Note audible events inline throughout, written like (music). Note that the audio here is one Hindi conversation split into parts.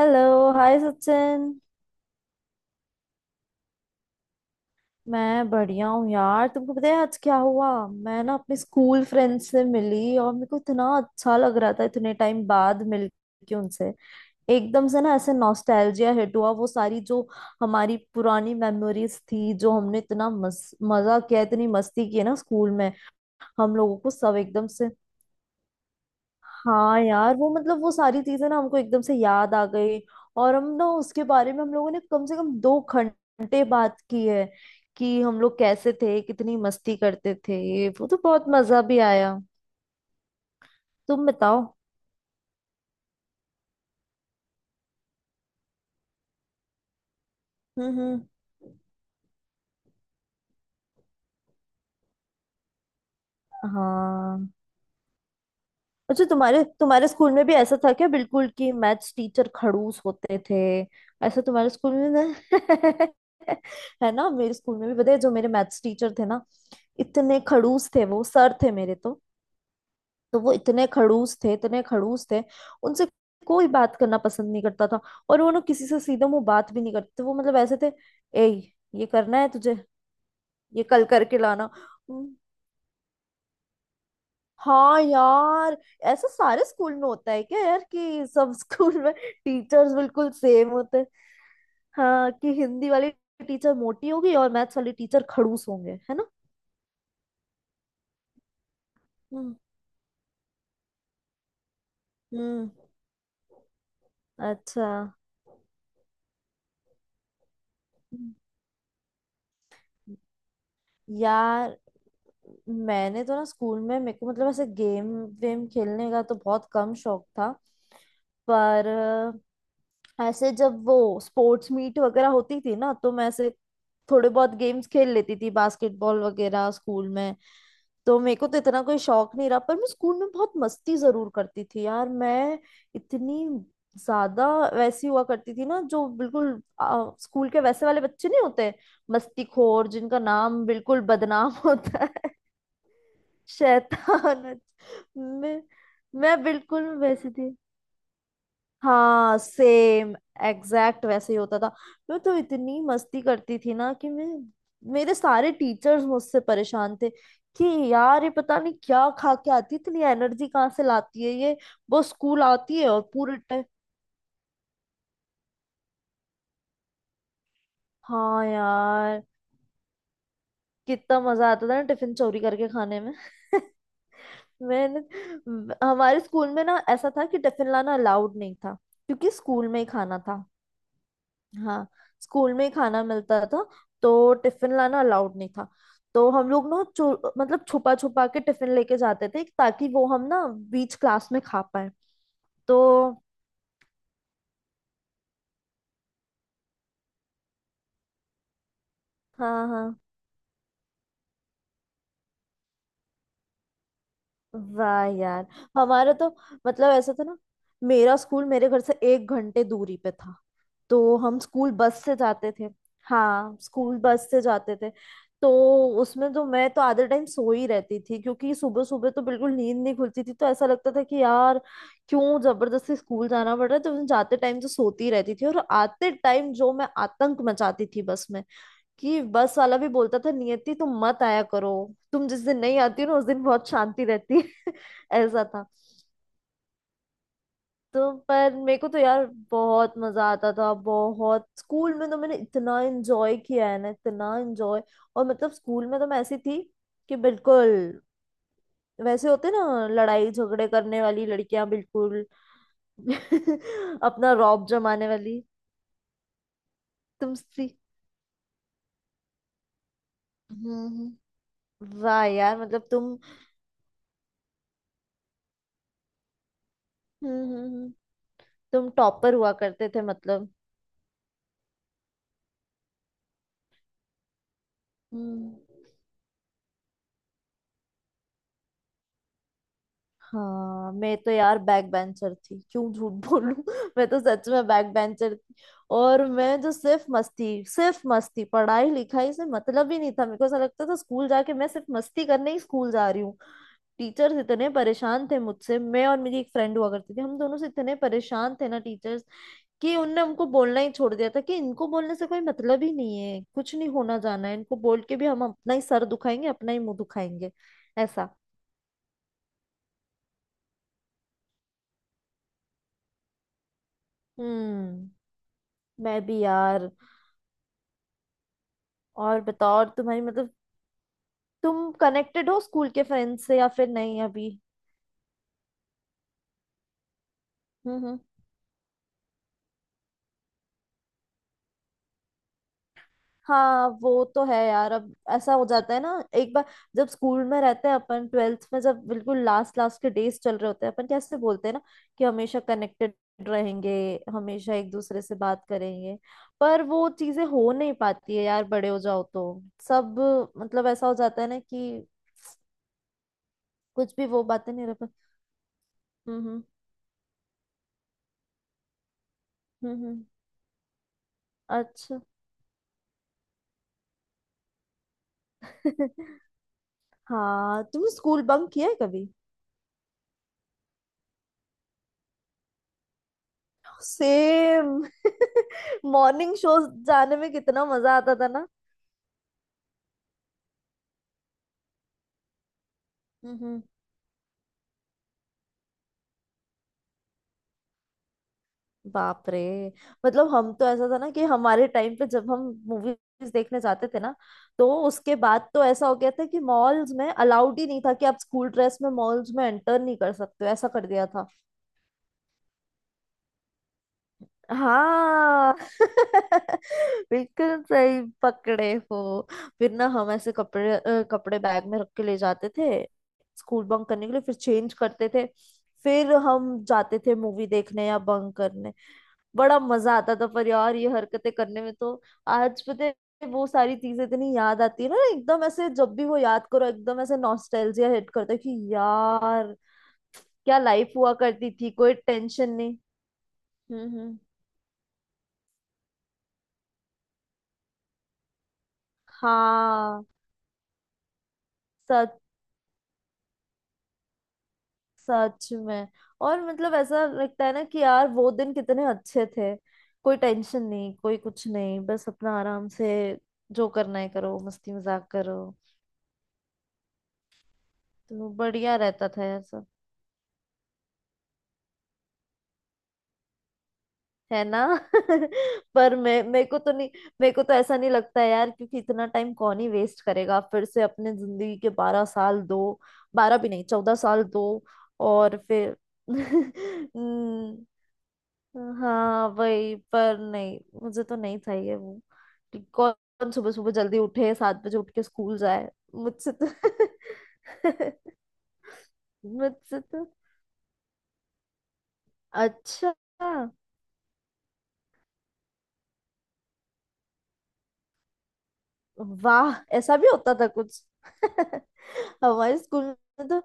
हेलो। हाय सचिन। मैं बढ़िया हूँ यार। तुमको पता है आज क्या हुआ? मैं ना अपने स्कूल फ्रेंड से मिली और मेरे को इतना अच्छा लग रहा था इतने टाइम बाद मिल के उनसे। एकदम से ना ऐसे नॉस्टैल्जिया हिट हुआ, वो सारी जो हमारी पुरानी मेमोरीज थी, जो हमने इतना मजा किया, इतनी मस्ती की है ना स्कूल में। हम लोगों को सब एकदम से, हाँ यार, वो मतलब वो सारी चीजें ना हमको एकदम से याद आ गई। और हम ना उसके बारे में हम लोगों ने कम से कम 2 घंटे बात की है कि हम लोग कैसे थे, कितनी मस्ती करते थे, ये वो। तो बहुत मजा भी आया। तुम बताओ। हम्म। हाँ। अच्छा तुम्हारे तुम्हारे स्कूल में भी ऐसा था क्या बिल्कुल, कि मैथ्स टीचर खड़ूस होते थे? ऐसा तुम्हारे स्कूल में ना (laughs) है ना, मेरे स्कूल में भी पता है, जो मेरे मैथ्स टीचर थे ना, इतने खड़ूस थे। वो सर थे मेरे तो। तो वो इतने खड़ूस थे, इतने खड़ूस थे। उनसे कोई बात करना पसंद नहीं करता था। और वो ना किसी से सीधा मुंह बात भी नहीं करते थे। वो मतलब ऐसे थे, ए, ये करना है तुझे, ये कल करके लाना। "हम्म, हाँ यार, ऐसा सारे स्कूल में होता है क्या यार कि सब (laughs) स्कूल में टीचर्स बिल्कुल सेम होते हैं? हाँ, कि हिंदी वाली टीचर मोटी होगी और मैथ्स वाली टीचर खड़ूस होंगे, है ना। हम्म हम्म। अच्छा। हम्म। यार मैंने तो ना स्कूल में, मेरे को मतलब ऐसे गेम वेम खेलने का तो बहुत कम शौक था। पर ऐसे जब वो स्पोर्ट्स मीट वगैरह होती थी ना, तो मैं ऐसे थोड़े बहुत गेम्स खेल लेती थी, बास्केटबॉल वगैरह स्कूल में। तो मेरे को तो इतना कोई शौक नहीं रहा, पर मैं स्कूल में बहुत मस्ती जरूर करती थी यार। मैं इतनी ज्यादा वैसी हुआ करती थी ना, जो बिल्कुल स्कूल के वैसे वाले बच्चे नहीं होते, मस्तीखोर, जिनका नाम बिल्कुल बदनाम (laughs) होता है। शैतान, अच्छा। मैं मैं बिल्कुल वैसी थी। हाँ सेम, एग्जैक्ट वैसे ही होता था। मैं तो इतनी मस्ती करती थी ना कि मैं, मेरे सारे टीचर्स मुझसे परेशान थे कि यार ये पता नहीं क्या खा के आती है, इतनी एनर्जी कहाँ से लाती है ये। वो स्कूल आती है और पूरे टाइम। हाँ यार, कितना मजा आता था ना टिफिन चोरी करके खाने में (laughs) मैंने, हमारे स्कूल में ना ऐसा था कि टिफिन लाना अलाउड नहीं था, क्योंकि स्कूल में ही खाना था। हाँ, स्कूल में ही खाना मिलता था। तो टिफिन लाना अलाउड नहीं था। तो हम लोग ना चो मतलब छुपा छुपा के टिफिन लेके जाते थे ताकि वो हम ना बीच क्लास में खा पाए। तो हाँ हाँ। वाह यार। हमारा तो मतलब ऐसा था ना, मेरा स्कूल मेरे घर से 1 घंटे दूरी पे था। तो हम स्कूल बस से जाते थे। हाँ, स्कूल बस से जाते थे। तो उसमें तो मैं तो आधे टाइम सो ही रहती थी, क्योंकि सुबह सुबह तो बिल्कुल नींद नहीं खुलती थी। तो ऐसा लगता था कि यार क्यों जबरदस्ती स्कूल जाना पड़ रहा है। तो मैं जाते टाइम तो सोती रहती थी और आते टाइम जो मैं आतंक मचाती थी बस में, कि बस वाला भी बोलता था, नियति तुम मत आया करो, तुम जिस दिन नहीं आती हो ना उस दिन बहुत शांति रहती है (laughs) ऐसा था। तो पर मेरे को तो यार बहुत मजा आता था बहुत, स्कूल में तो मैंने इतना एंजॉय किया है ना, इतना एंजॉय। और मतलब स्कूल में तो मैं ऐसी थी कि बिल्कुल वैसे होते ना लड़ाई झगड़े करने वाली लड़कियां, बिल्कुल (laughs) अपना रौब जमाने वाली। तुम सी, हम्म हम्म। वाह यार मतलब तुम। हम्म हम्म हम्म, तुम टॉपर हुआ करते थे मतलब। हम्म। हाँ मैं तो यार बैक बेंचर थी, क्यों झूठ बोलूं (laughs) मैं तो सच में बैक बेंचर थी। और मैं जो सिर्फ मस्ती सिर्फ मस्ती, पढ़ाई लिखाई से मतलब ही नहीं था मेरे को। ऐसा लगता था स्कूल जाके मैं सिर्फ मस्ती करने ही स्कूल जा रही हूँ। टीचर्स इतने परेशान थे मुझसे, मैं और मेरी एक फ्रेंड हुआ करती थी, हम दोनों से इतने परेशान थे ना टीचर्स कि उनने हमको बोलना ही छोड़ दिया था, कि इनको बोलने से कोई मतलब ही नहीं है, कुछ नहीं होना जाना है, इनको बोल के भी हम अपना ही सर दुखाएंगे, अपना ही मुंह दुखाएंगे। ऐसा। हम्म। मैं भी यार। और बताओ, और तुम्हारी मतलब, तुम कनेक्टेड हो स्कूल के फ्रेंड से या फिर नहीं अभी? हम्म। हाँ वो तो है यार, अब ऐसा हो जाता है ना। एक बार जब स्कूल में रहते हैं अपन, ट्वेल्थ में जब बिल्कुल लास्ट लास्ट के डेज चल रहे होते हैं, अपन कैसे बोलते हैं ना कि हमेशा कनेक्टेड रहेंगे, हमेशा एक दूसरे से बात करेंगे। पर वो चीजें हो नहीं पाती है यार, बड़े हो जाओ तो सब मतलब ऐसा हो जाता है ना कि कुछ भी वो बातें नहीं हम्म। हम्म। अच्छा (laughs) हाँ तुमने स्कूल बंक किया है कभी? सेम, मॉर्निंग शो (laughs) जाने में कितना मजा आता था ना। हम्म। बाप रे। मतलब हम तो ऐसा था ना कि हमारे टाइम पे जब हम मूवीज देखने जाते थे ना, तो उसके बाद तो ऐसा हो गया था कि मॉल्स में अलाउड ही नहीं था, कि आप स्कूल ड्रेस में मॉल्स में एंटर नहीं कर सकते हो, ऐसा कर दिया था। हाँ (laughs) बिल्कुल सही पकड़े हो। फिर ना हम ऐसे कपड़े, कपड़े बैग में रख के ले जाते थे, स्कूल बंक करने के लिए, फिर चेंज करते थे, फिर हम जाते थे मूवी देखने या बंक करने। बड़ा मजा आता था पर यार ये हरकतें करने में तो। आज पता है, वो सारी चीजें इतनी याद आती है ना, एकदम ऐसे जब भी वो याद करो, एकदम ऐसे नॉस्टैल्जिया हिट करता है कि यार क्या लाइफ हुआ करती थी, कोई टेंशन नहीं। हम्म। हाँ, सच में। और मतलब ऐसा लगता है ना कि यार वो दिन कितने अच्छे थे, कोई टेंशन नहीं, कोई कुछ नहीं, बस अपना आराम से जो करना है करो, मस्ती मजाक करो, तो बढ़िया रहता था यार सब। है ना (laughs) पर मैं, मेरे को तो नहीं, मेरे को तो ऐसा नहीं लगता है यार, क्योंकि इतना टाइम कौन ही वेस्ट करेगा फिर से अपने जिंदगी के 12 साल, दो, बारह भी नहीं, 14 साल। दो और फिर (laughs) हम्म, हाँ वही। पर नहीं, मुझे तो नहीं चाहिए वो कि कौन सुबह सुबह जल्दी उठे, 7 बजे उठ के स्कूल जाए। मुझसे तो (laughs) मुझसे तो। अच्छा। वाह ऐसा भी होता था कुछ (laughs) हमारे स्कूल में तो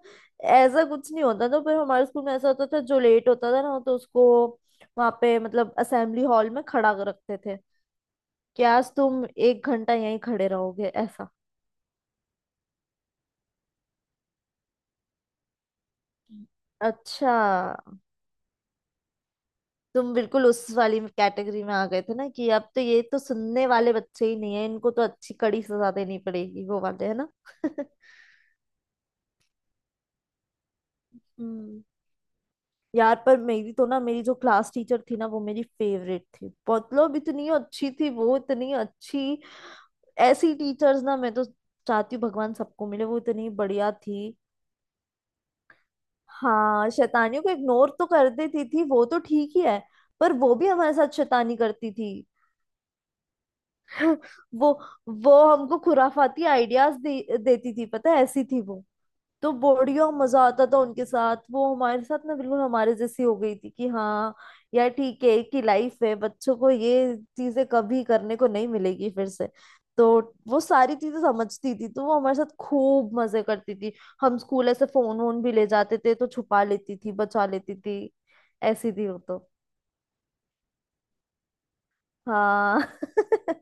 ऐसा कुछ नहीं होता था, पर हमारे स्कूल में ऐसा होता था, जो लेट होता था ना तो उसको वहां पे मतलब असेंबली हॉल में खड़ा कर रखते थे कि आज तुम 1 घंटा यहीं खड़े रहोगे, ऐसा। अच्छा। तुम बिल्कुल उस वाली कैटेगरी में आ गए थे ना कि अब तो ये तो सुनने वाले बच्चे ही नहीं है, इनको तो अच्छी कड़ी सजा देनी पड़ेगी, वो वाले, है ना (laughs) हम्म। यार पर मेरी तो ना, मेरी जो क्लास टीचर थी ना वो मेरी फेवरेट थी, मतलब इतनी अच्छी थी वो, इतनी अच्छी। ऐसी टीचर्स ना, मैं तो चाहती हूँ भगवान सबको मिले, वो इतनी बढ़िया थी। हाँ, शैतानियों को इग्नोर तो कर देती थी, वो तो ठीक ही है। पर वो भी हमारे साथ शैतानी करती थी (laughs) वो वो हमको खुराफाती आइडियाज देती थी, पता है, ऐसी थी वो। तो बढ़िया मजा आता था उनके साथ। वो हमारे साथ ना बिल्कुल हमारे जैसी हो गई थी, कि हाँ यार ठीक है, एक ही लाइफ है, बच्चों को ये चीजें कभी करने को नहीं मिलेगी फिर से। तो वो सारी चीजें समझती थी, तो वो हमारे साथ खूब मजे करती थी। हम स्कूल ऐसे फोन वोन भी ले जाते थे तो छुपा लेती थी, बचा लेती थी। ऐसी थी वो तो। हाँ (laughs)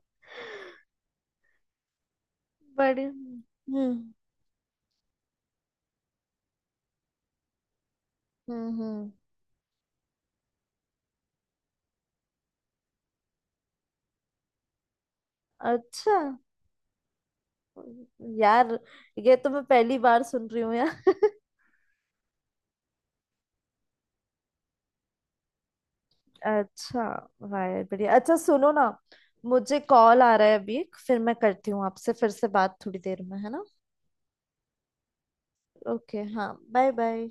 बड़े। हम्म। अच्छा। यार ये तो मैं पहली बार सुन रही हूँ यार (laughs) अच्छा। वायर बढ़िया। अच्छा सुनो ना, मुझे कॉल आ रहा है अभी, फिर मैं करती हूँ आपसे फिर से बात, थोड़ी देर में, है ना। ओके, हाँ बाय बाय।